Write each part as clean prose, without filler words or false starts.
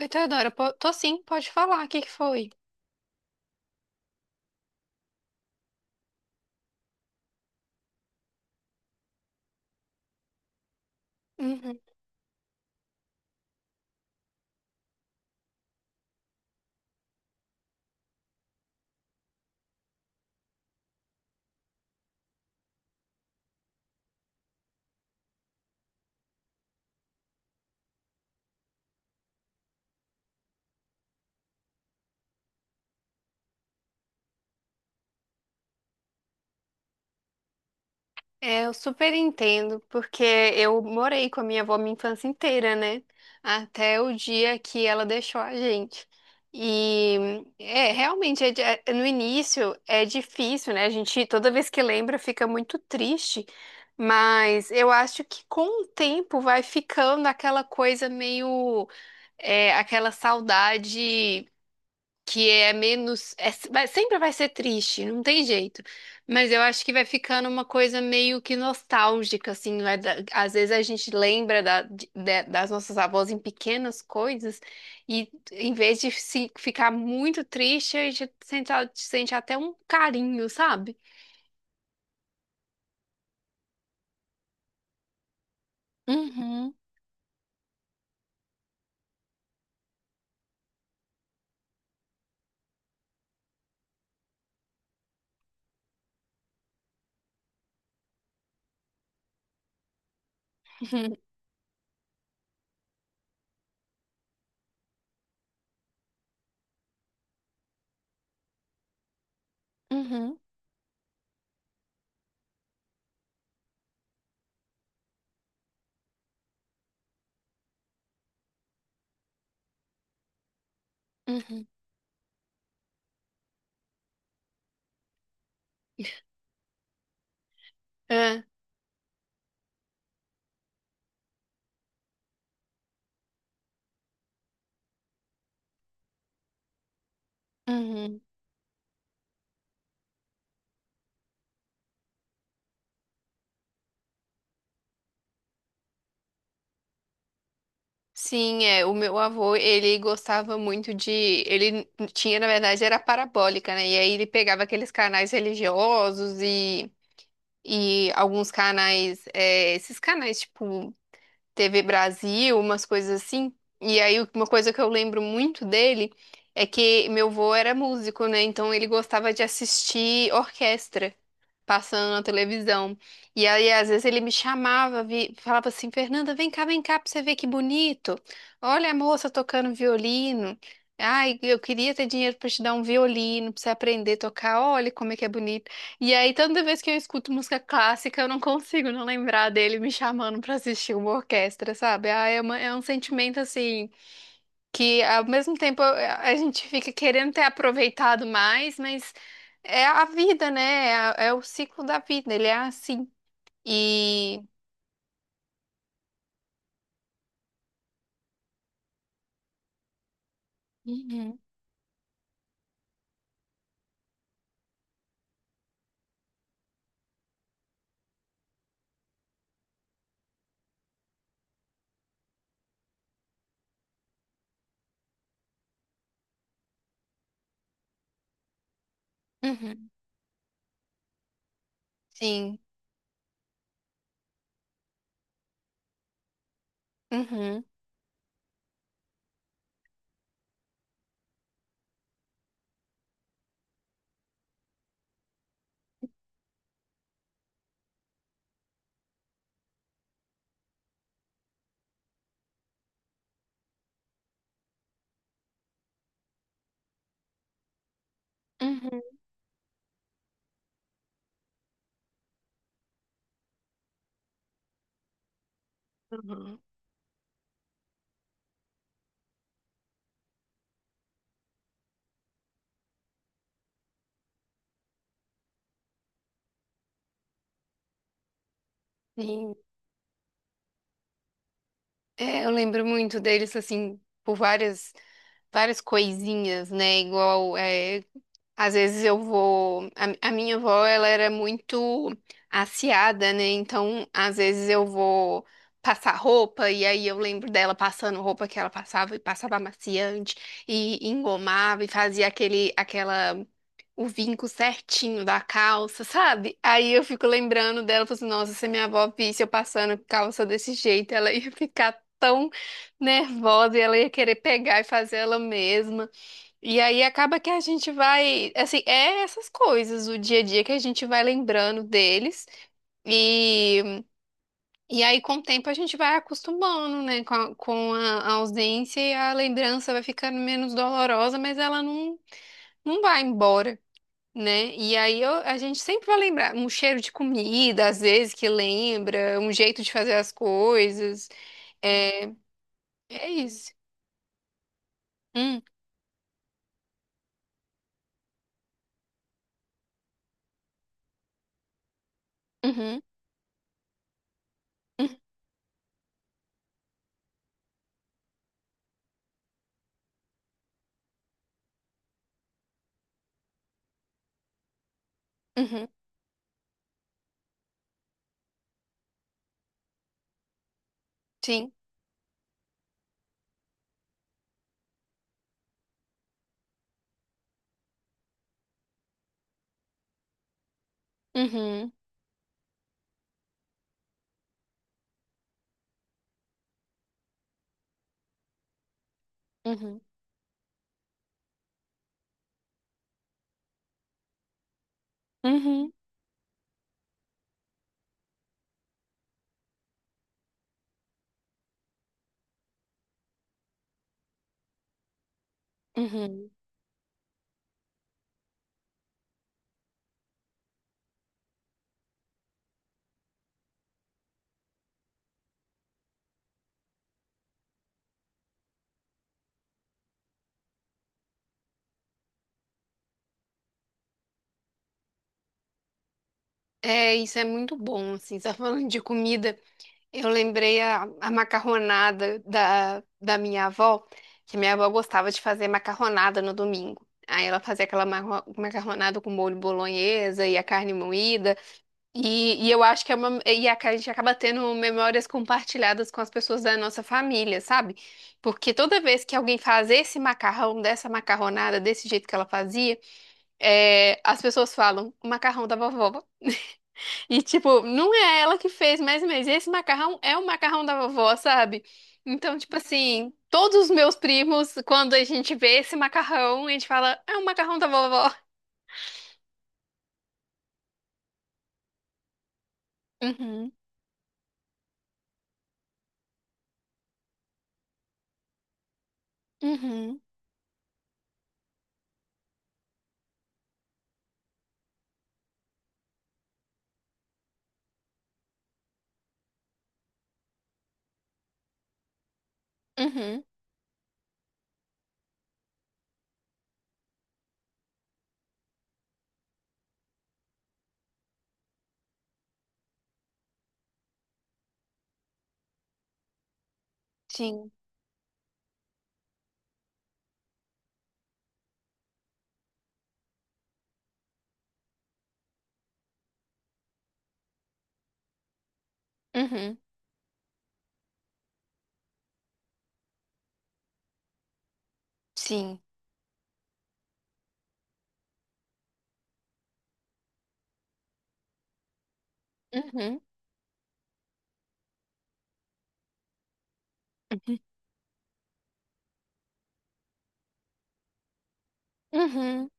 Oi, Teodora, tô sim, pode falar, o que que foi? Uhum. É, eu super entendo, porque eu morei com a minha avó minha infância inteira, né? Até o dia que ela deixou a gente. E realmente, no início é difícil, né? A gente, toda vez que lembra, fica muito triste, mas eu acho que com o tempo vai ficando aquela coisa aquela saudade. Que é menos, sempre vai ser triste, não tem jeito. Mas eu acho que vai ficando uma coisa meio que nostálgica, assim, às vezes a gente lembra das nossas avós em pequenas coisas e em vez de se ficar muito triste, a gente sente até um carinho, sabe? Uhum, uhum, uhum. Uhum. É. Uhum. Sim, é, o meu avô, ele ele tinha, na verdade, era parabólica, né? E aí ele pegava aqueles canais religiosos e alguns canais, é, esses canais tipo TV Brasil, umas coisas assim. E aí uma coisa que eu lembro muito dele é que meu avô era músico, né? Então ele gostava de assistir orquestra passando na televisão. E aí, às vezes, ele me chamava, falava assim, Fernanda, vem cá, pra você ver que bonito. Olha a moça tocando violino. Ai, eu queria ter dinheiro pra te dar um violino, pra você aprender a tocar. Olha como é que é bonito. E aí, toda vez que eu escuto música clássica, eu não consigo não lembrar dele me chamando pra assistir uma orquestra, sabe? Ah, é um sentimento, assim, que ao mesmo tempo a gente fica querendo ter aproveitado mais, mas é a vida, né? É, é o ciclo da vida, ele é assim. E uhum, uhum, sim, uhum, uhum, uhum. Sim. É, eu lembro muito deles assim por várias várias coisinhas, né? Igual é, às vezes eu vou. A minha avó, ela era muito aciada, né? Então, às vezes eu vou passar roupa e aí eu lembro dela passando roupa que ela passava e passava amaciante e engomava e fazia aquela o vinco certinho da calça, sabe? Aí eu fico lembrando dela, falando assim, nossa, se minha avó visse eu passando calça desse jeito, ela ia ficar tão nervosa e ela ia querer pegar e fazer ela mesma. E aí acaba que a gente vai, assim, é essas coisas, o dia a dia que a gente vai lembrando deles. E, e aí, com o tempo, a gente vai acostumando, né? A ausência e a lembrança vai ficando menos dolorosa, mas ela não, não vai embora, né? E a gente sempre vai lembrar um cheiro de comida, às vezes, que lembra, um jeito de fazer as coisas. É, é isso. Hum, uhum, uhum, uhum, sim. Uhum, uhum, uhum. Uhum. É, isso é muito bom, assim, só falando de comida, eu lembrei a macarronada da minha avó, que minha avó gostava de fazer macarronada no domingo. Aí ela fazia aquela macarronada com molho bolonhesa e a carne moída, e eu acho que a gente acaba tendo memórias compartilhadas com as pessoas da nossa família, sabe? Porque toda vez que alguém faz esse macarrão, dessa macarronada, desse jeito que ela fazia, é, as pessoas falam, o macarrão da vovó. E, tipo, não é ela que fez, mas esse macarrão é o macarrão da vovó, sabe? Então, tipo assim, todos os meus primos, quando a gente vê esse macarrão, a gente fala, é o macarrão da vovó. Uhum, uhum, uhum, sim, uhum, sim, uhum, uhum. Uhum.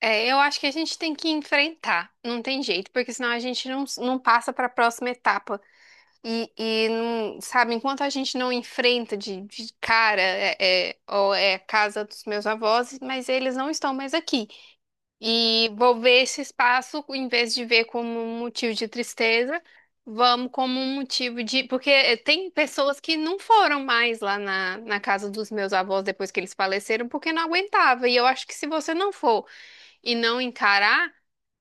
É, eu acho que a gente tem que enfrentar, não tem jeito, porque senão a gente não passa para a próxima etapa. E não, Sabe, enquanto a gente não enfrenta de cara, é, é, ó, é a casa dos meus avós, mas eles não estão mais aqui. E vou ver esse espaço, em vez de ver como um motivo de tristeza, vamos como um motivo de. Porque eh, tem pessoas que não foram mais lá na casa dos meus avós depois que eles faleceram, porque não aguentava. E eu acho que se você não for e não encarar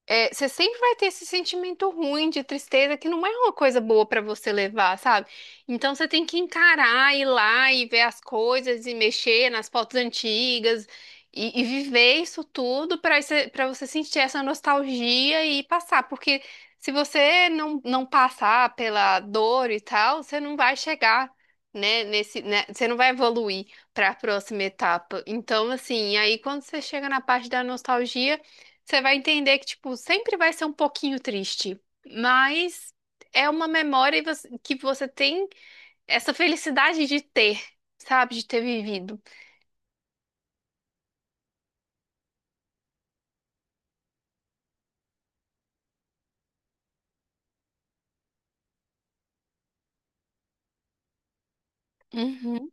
é, você sempre vai ter esse sentimento ruim de tristeza que não é uma coisa boa pra você levar, sabe? Então você tem que encarar, ir lá e ver as coisas e mexer nas fotos antigas e viver isso tudo para você sentir essa nostalgia e passar, porque se você não passar pela dor e tal, você não vai chegar. Você não vai evoluir para a próxima etapa. Então, assim, aí quando você chega na parte da nostalgia, você vai entender que, tipo, sempre vai ser um pouquinho triste, mas é uma memória e que você tem essa felicidade de ter, sabe? De ter vivido. Uhum.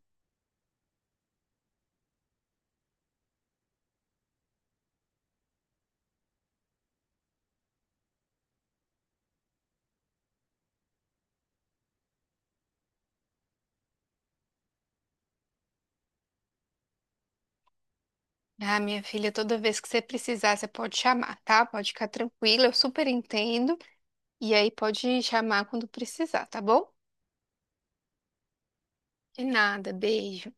Ah, minha filha, toda vez que você precisar, você pode chamar, tá? Pode ficar tranquila, eu super entendo. E aí pode chamar quando precisar, tá bom? De nada, beijo.